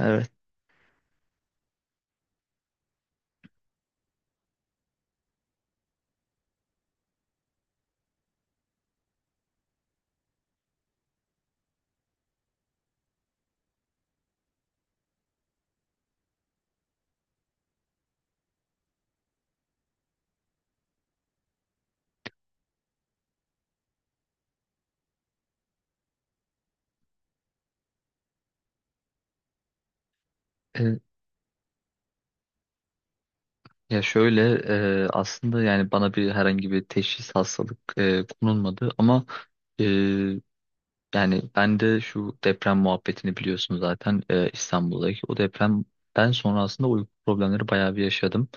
Evet. E, ya şöyle aslında yani bana bir herhangi bir teşhis hastalık konulmadı ama e, yani ben de şu deprem muhabbetini biliyorsun zaten İstanbul'daki. O depremden sonra aslında uyku problemleri bayağı bir yaşadım.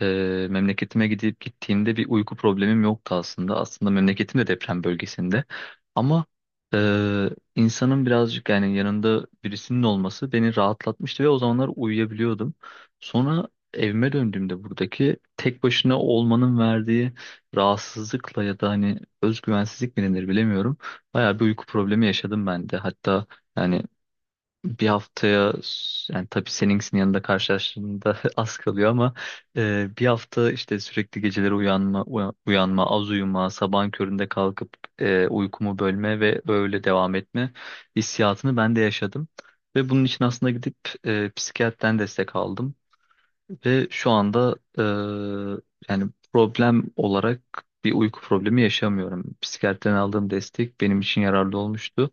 Memleketime gidip gittiğimde bir uyku problemim yoktu aslında. Aslında memleketim de deprem bölgesinde. Ama e, insanın birazcık yani yanında birisinin olması beni rahatlatmıştı ve o zamanlar uyuyabiliyordum. Sonra evime döndüğümde buradaki tek başına olmanın verdiği rahatsızlıkla ya da hani özgüvensizlik mi denir bilemiyorum. Bayağı bir uyku problemi yaşadım ben de. Hatta yani bir haftaya yani tabii seninkisinin yanında karşılaştığımda az kalıyor ama bir hafta işte sürekli geceleri uyanma, uyanma, az uyuma, sabahın köründe kalkıp uykumu bölme ve öyle devam etme hissiyatını ben de yaşadım. Ve bunun için aslında gidip psikiyatriden destek aldım. Ve şu anda yani problem olarak bir uyku problemi yaşamıyorum. Psikiyatriden aldığım destek benim için yararlı olmuştu.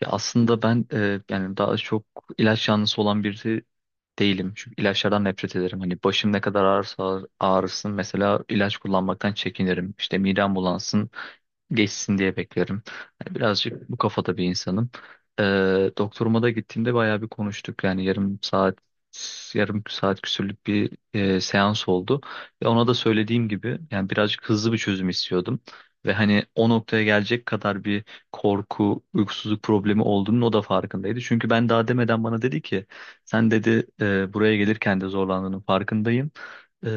Ya aslında ben yani daha çok ilaç yanlısı olan birisi değilim. Çünkü ilaçlardan nefret ederim. Hani başım ne kadar ağrırsa ağrısın mesela ilaç kullanmaktan çekinirim. İşte midem bulansın geçsin diye beklerim. Yani birazcık bu kafada bir insanım. Doktoruma da gittiğimde bayağı bir konuştuk. Yani yarım saat küsürlük bir seans oldu. Ve ona da söylediğim gibi yani birazcık hızlı bir çözüm istiyordum. Ve hani o noktaya gelecek kadar bir korku, uykusuzluk problemi olduğunun o da farkındaydı. Çünkü ben daha demeden bana dedi ki sen dedi buraya gelirken de zorlandığının farkındayım. Ee,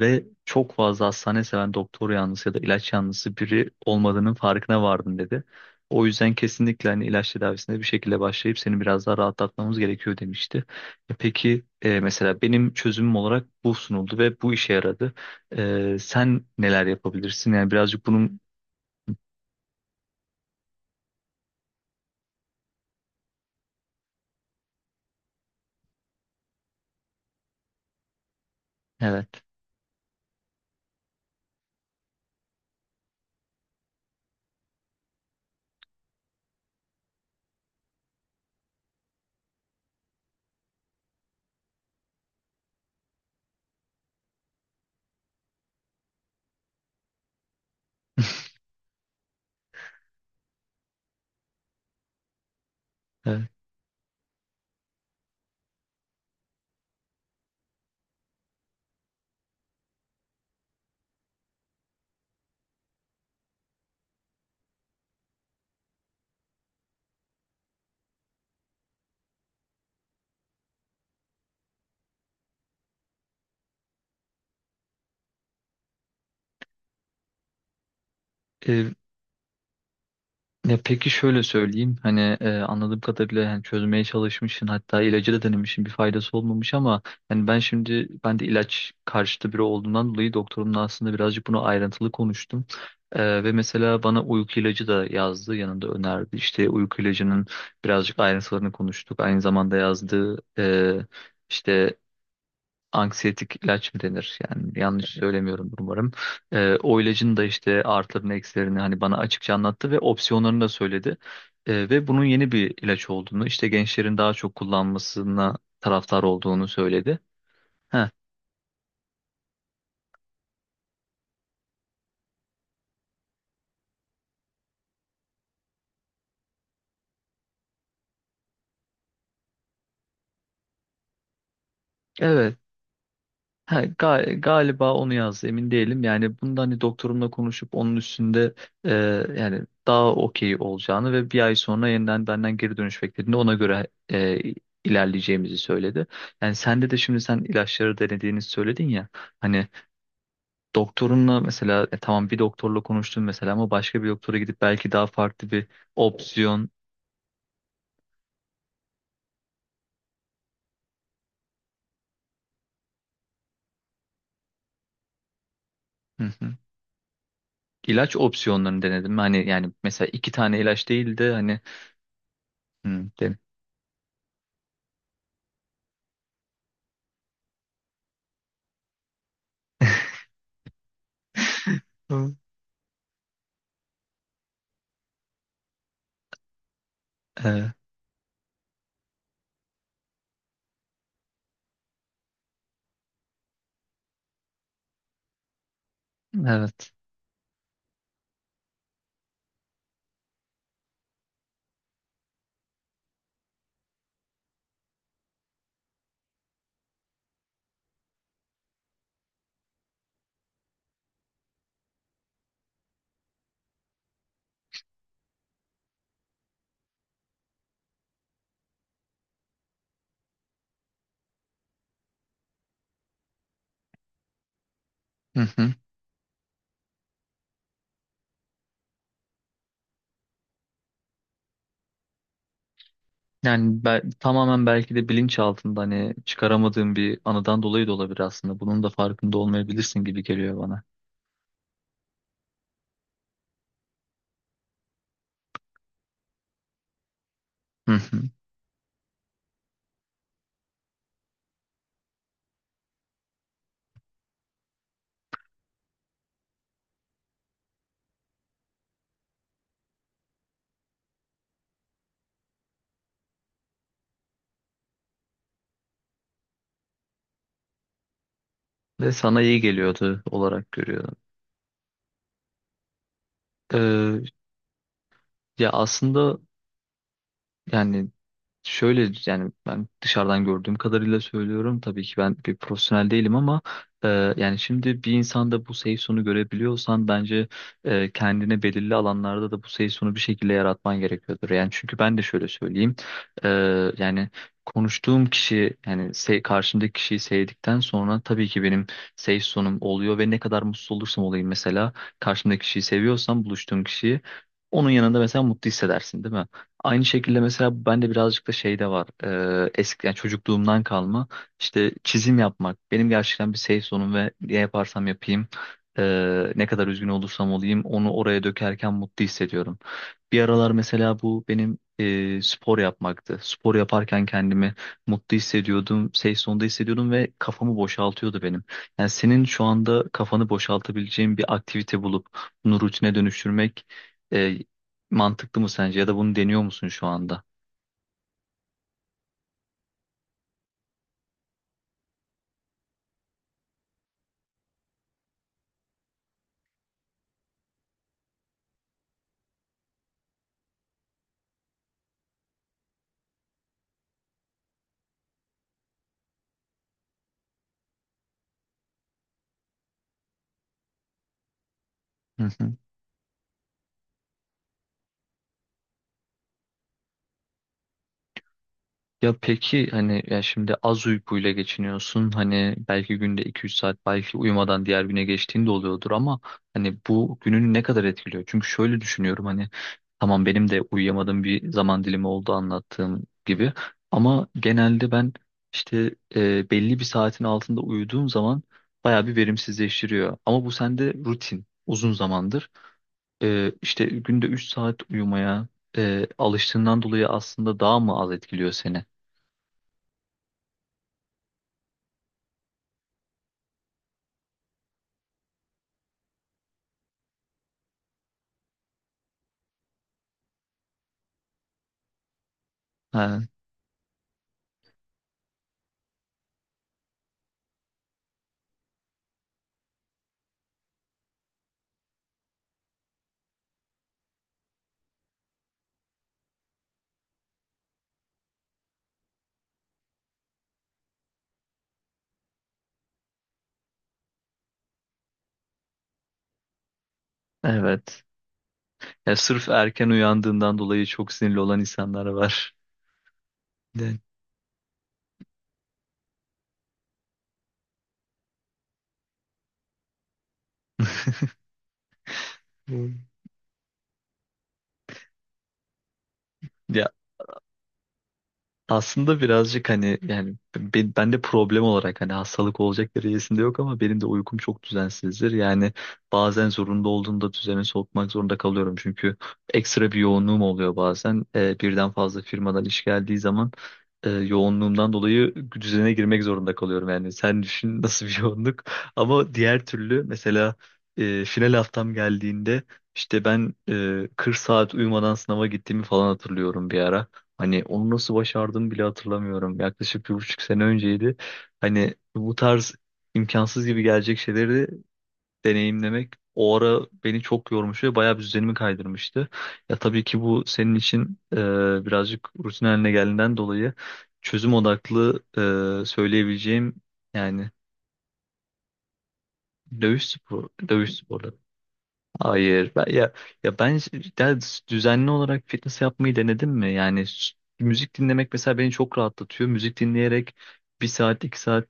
ve çok fazla hastane seven doktor yanlısı ya da ilaç yanlısı biri olmadığının farkına vardım" dedi. O yüzden kesinlikle hani ilaç tedavisine bir şekilde başlayıp seni biraz daha rahatlatmamız gerekiyor demişti. Mesela benim çözümüm olarak bu sunuldu ve bu işe yaradı. Sen neler yapabilirsin? Yani birazcık bunun evet. Evet. Ya peki şöyle söyleyeyim hani anladığım kadarıyla yani çözmeye çalışmışsın hatta ilacı da denemişsin bir faydası olmamış ama ben de ilaç karşıtı biri olduğundan dolayı doktorumla aslında birazcık bunu ayrıntılı konuştum. Ve mesela bana uyku ilacı da yazdı yanında önerdi, işte uyku ilacının birazcık ayrıntılarını konuştuk. Aynı zamanda yazdığı işte anksiyetik ilaç mı denir? Yani yanlış Evet. söylemiyorum umarım. O ilacın da işte artılarını eksilerini hani bana açıkça anlattı ve opsiyonlarını da söyledi. Ve bunun yeni bir ilaç olduğunu, işte gençlerin daha çok kullanmasına taraftar olduğunu söyledi. Heh, evet. Ha, galiba onu yazdı, emin değilim. Yani bunda hani doktorumla konuşup onun üstünde e, yani daha okey olacağını ve bir ay sonra yeniden benden geri dönüş beklediğinde ona göre e, ilerleyeceğimizi söyledi. Yani sende de şimdi sen ilaçları denediğini söyledin ya. Hani doktorunla mesela tamam bir doktorla konuştun mesela ama başka bir doktora gidip belki daha farklı bir opsiyon. Hı hı. ilaç opsiyonlarını denedim. Hani yani mesela iki tane ilaç değil de hani hı, den- Hı. Evet. Hı hı. Tamamen belki de bilinç altında hani çıkaramadığım bir anıdan dolayı da olabilir aslında. Bunun da farkında olmayabilirsin gibi geliyor bana. Hı hı. Ve sana iyi geliyordu olarak görüyorum. Ee, ya aslında yani Şöyle, yani ben dışarıdan gördüğüm kadarıyla söylüyorum. Tabii ki ben bir profesyonel değilim ama e, yani şimdi bir insanda bu safe zone'u görebiliyorsan bence kendine belirli alanlarda da bu safe zone'u bir şekilde yaratman gerekiyordur. Yani çünkü ben de şöyle söyleyeyim. E, Yani konuştuğum kişi, yani karşımdaki kişiyi sevdikten sonra tabii ki benim safe zone'um oluyor ve ne kadar mutsuz olursam olayım mesela karşımdaki kişiyi seviyorsam, buluştuğum kişiyi, onun yanında mesela mutlu hissedersin değil mi? Aynı şekilde mesela bende birazcık da şey de var. Eski yani çocukluğumdan kalma işte çizim yapmak. Benim gerçekten bir safe zone'um ve ne yaparsam yapayım ne kadar üzgün olursam olayım onu oraya dökerken mutlu hissediyorum. Bir aralar mesela bu benim spor yapmaktı. Spor yaparken kendimi mutlu hissediyordum, safe zone'da hissediyordum ve kafamı boşaltıyordu benim. Yani senin şu anda kafanı boşaltabileceğin bir aktivite bulup bunu rutine dönüştürmek e, mantıklı mı sence ya da bunu deniyor musun şu anda? Hı hı. Ya peki hani ya şimdi az uykuyla geçiniyorsun, hani belki günde 2-3 saat, belki uyumadan diğer güne geçtiğin de oluyordur ama hani bu gününü ne kadar etkiliyor? Çünkü şöyle düşünüyorum hani tamam benim de uyuyamadığım bir zaman dilimi oldu anlattığım gibi ama genelde ben işte belli bir saatin altında uyuduğum zaman bayağı bir verimsizleştiriyor ama bu sende rutin uzun zamandır. İşte günde 3 saat uyumaya alıştığından dolayı aslında daha mı az etkiliyor seni? Ha, evet. Ya sırf erken uyandığından dolayı çok sinirli olan insanlar var. Evet. Hmm. Ya aslında birazcık hani yani ben de problem olarak hani hastalık olacak derecesinde yok ama benim de uykum çok düzensizdir. Yani bazen zorunda olduğumda düzene sokmak zorunda kalıyorum. Çünkü ekstra bir yoğunluğum oluyor bazen. Birden fazla firmadan iş geldiği zaman yoğunluğumdan dolayı düzene girmek zorunda kalıyorum. Yani sen düşün nasıl bir yoğunluk. Ama diğer türlü mesela final haftam geldiğinde işte ben 40 saat uyumadan sınava gittiğimi falan hatırlıyorum bir ara. Hani onu nasıl başardığımı bile hatırlamıyorum. Yaklaşık 1,5 sene önceydi. Hani bu tarz imkansız gibi gelecek şeyleri deneyimlemek o ara beni çok yormuş ve bayağı bir düzenimi kaydırmıştı. Ya tabii ki bu senin için birazcık rutin haline geldiğinden dolayı çözüm odaklı söyleyebileceğim yani dövüş sporları. Hayır. Ben, ya, ya ben ş- ya düzenli olarak fitness yapmayı denedim mi? Müzik dinlemek mesela beni çok rahatlatıyor. Müzik dinleyerek 1 saat, 2 saat.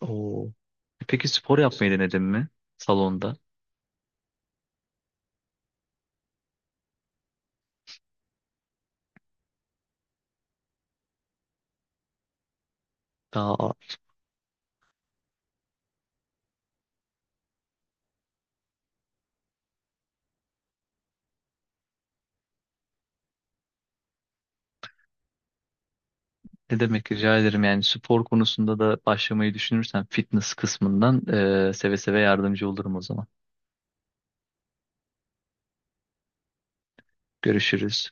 Oo. Peki spor yapmayı denedin mi? Salonda. Daha ne demek, rica ederim. Yani spor konusunda da başlamayı düşünürsen fitness kısmından seve seve yardımcı olurum o zaman. Görüşürüz.